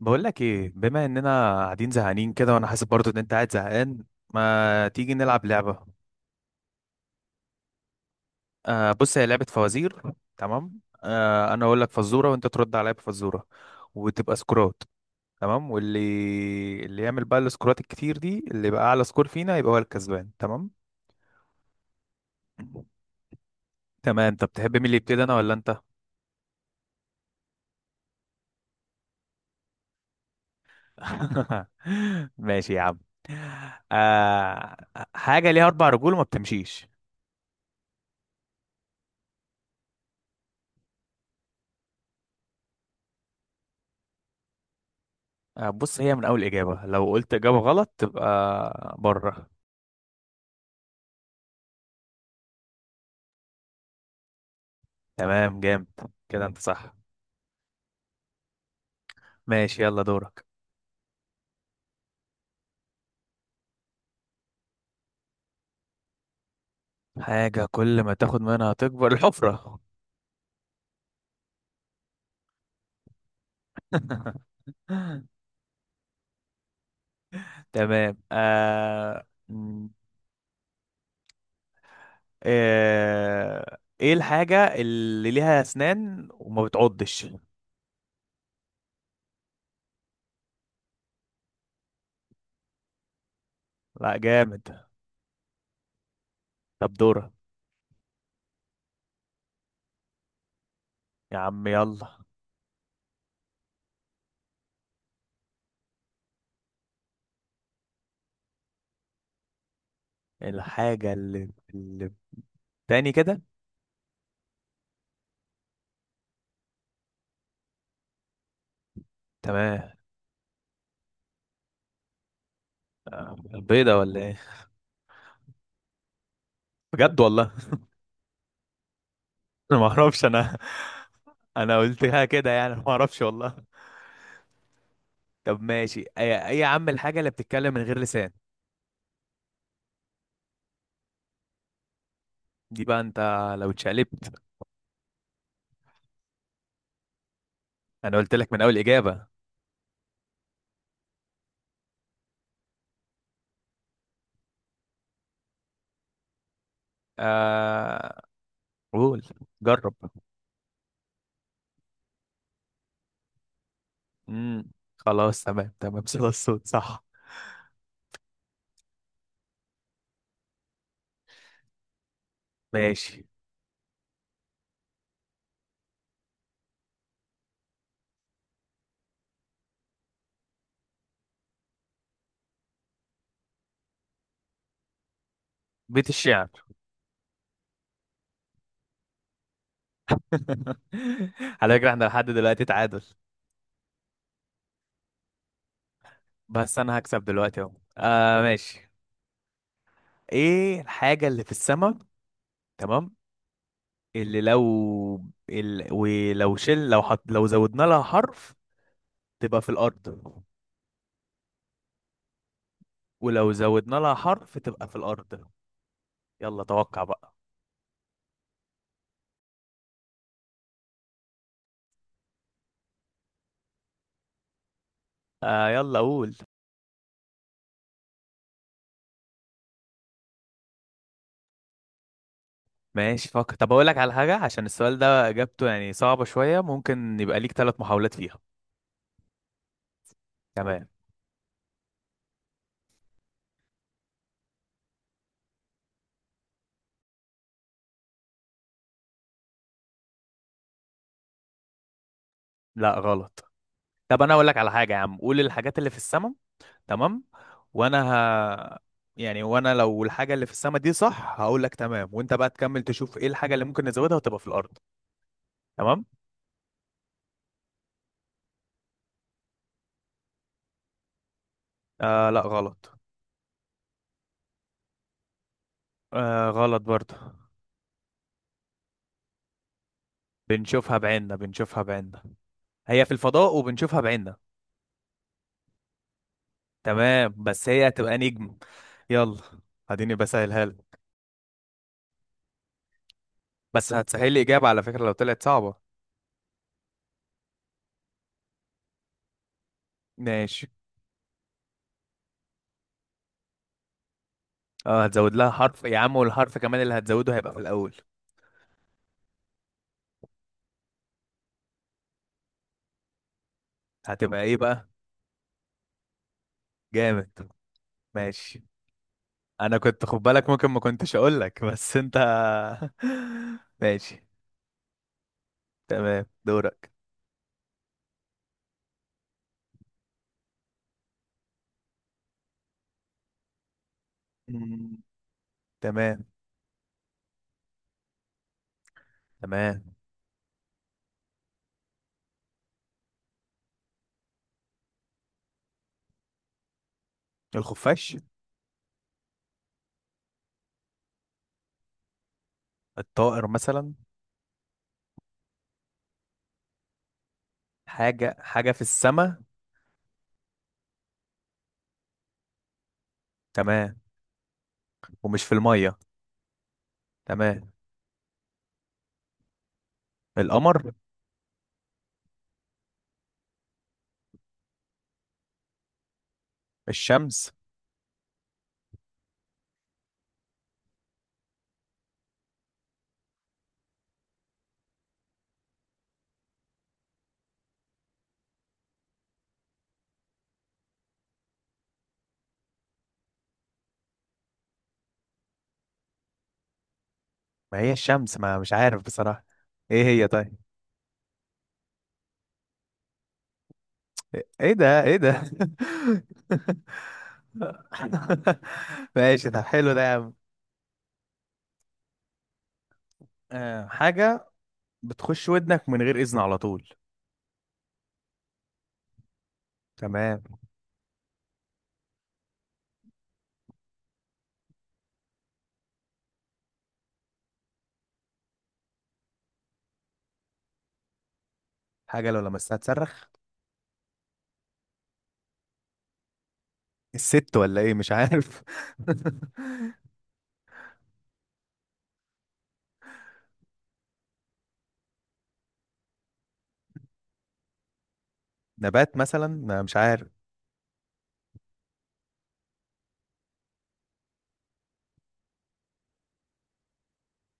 بقول لك ايه؟ بما اننا قاعدين زهقانين كده، وانا حاسس برضو ان انت قاعد زهقان. ما تيجي نلعب لعبة؟ آه، بص، هي لعبة فوازير. تمام، آه انا اقول لك فزورة وانت ترد عليا بفزورة، وتبقى سكورات. تمام، واللي يعمل بقى السكورات الكتير دي، اللي يبقى اعلى سكور فينا يبقى هو الكسبان، تمام. تمام، طب تحب مين اللي يبتدي، انا ولا انت؟ ماشي يا عم. آه، حاجة ليها أربع رجول وما بتمشيش. بس هي من أول إجابة، لو قلت إجابة غلط تبقى بره. تمام، جامد. كده انت صح. ماشي، يلا دورك. حاجة كل ما تاخد منها تكبر الحفرة. تمام. ايه الحاجة اللي ليها اسنان وما بتعضش؟ لا، جامد. طب دورك. يا عم يلا. الحاجة اللي تاني كده. تمام، آه، البيضة ولا ايه؟ بجد والله. انا ما اعرفش انا. انا قلتها كده يعني، ما اعرفش والله. طب ماشي، ايه إيه يا عم الحاجة اللي بتتكلم من غير لسان؟ دي بقى انت لو اتشقلبت. انا قلت لك من اول اجابه. آه قول. جرب. خلاص، تمام تمام، صدى الصوت صح. ماشي. بيت الشعر. على فكره احنا لحد دلوقتي تعادل. بس انا هكسب دلوقتي اهو. آه ماشي. ايه الحاجه اللي في السماء؟ تمام. اللي لو ال... ولو شل لو حط... لو زودنا لها حرف تبقى في الارض. ولو زودنا لها حرف تبقى في الارض. يلا توقع بقى. آه يلا قول. ماشي فكر. طب اقول لك على حاجه، عشان السؤال ده اجابته يعني صعبه شويه، ممكن يبقى ليك ثلاث محاولات فيها. لا غلط. طب انا اقول لك على حاجه يا عم، قول الحاجات اللي في السماء. تمام. وانا ه... يعني وانا لو الحاجه اللي في السماء دي صح، هقول لك تمام، وانت بقى تكمل تشوف ايه الحاجه اللي ممكن نزودها وتبقى في الارض. تمام. آه لا غلط. آه غلط برضه. شوفها بعيننا. شوفها بعيننا. هي في الفضاء وبنشوفها بعيننا. تمام بس هي هتبقى نجم. يلا اديني بسهلها لك. بس هتسهل لي اجابه على فكره لو طلعت صعبه. ماشي. اه هتزود لها حرف يا عم، والحرف كمان اللي هتزوده هيبقى في الاول. هتبقى ايه بقى؟ جامد. ماشي. انا كنت خد بالك، ممكن ما كنتش اقول لك، بس انت. ماشي. تمام دورك. مم، تمام تمام. الخفاش. الطائر مثلا. حاجة، حاجة في السماء. تمام. ومش في المية. تمام. القمر. الشمس. ما هي الشمس، ما مش عارف بصراحة. ايه هي طيب؟ ايه ده ايه ده؟ ماشي، طب حلو ده يا عم. آه، حاجة بتخش ودنك من غير إذن على طول. تمام. حاجة لو لمستها تصرخ. الست ولا إيه، مش عارف. نبات مثلا، ما مش عارف.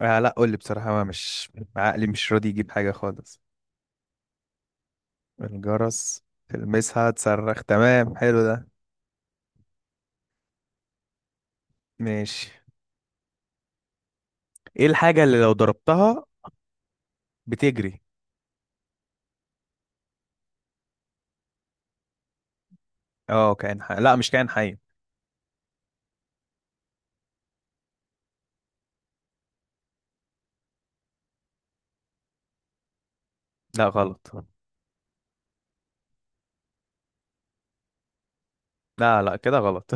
آه لا قول لي بصراحة، ما مش عقلي مش راضي يجيب حاجة خالص. الجرس. تلمسها تصرخ، تمام، حلو ده. ماشي. إيه الحاجة اللي لو ضربتها بتجري؟ اه كائن حي، لا مش كائن حي. لا غلط. لا لا كده غلط.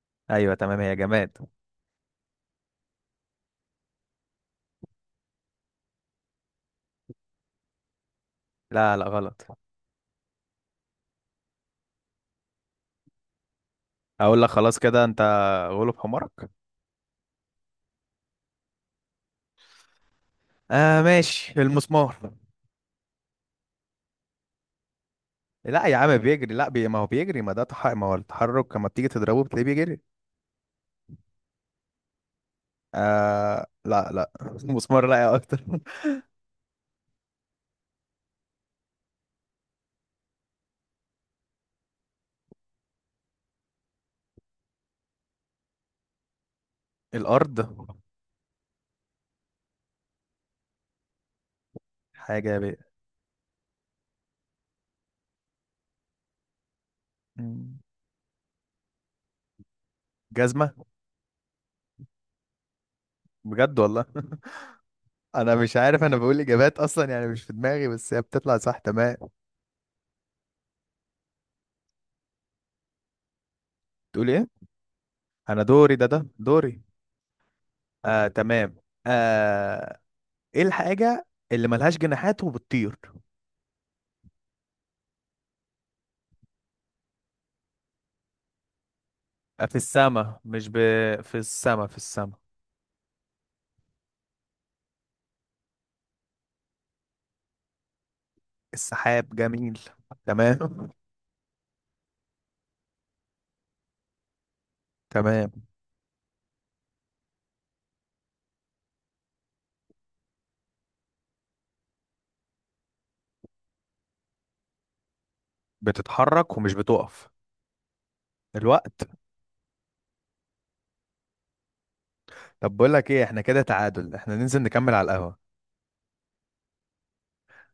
ايوه تمام، هي جماد. لا لا غلط. اقول لك خلاص كده انت غلب حمارك. آه ماشي، المسمار. لا يا عم بيجري، لا بي... ما هو بيجري، ما ده تح... ما هو التحرك لما بتيجي تضربه بتلاقيه بيجري. آه لا لا المسمار لا، يا اكتر. الارض. حاجه بي... مم. جزمه. بجد والله. انا مش عارف، انا بقول اجابات اصلا يعني مش في دماغي، بس هي بتطلع صح. تمام تقول ايه؟ انا دوري ده دوري. آه تمام. آه ايه الحاجه اللي ملهاش جناحات وبتطير؟ السما. مش ب... في السما. السحاب جميل. تمام. تمام، بتتحرك ومش بتقف. الوقت. طب بقول لك ايه، احنا كده تعادل، احنا ننزل نكمل على القهوة.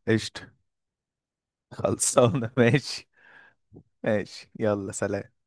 قشطة. صالة، ماشي. ماشي يلا، سلام.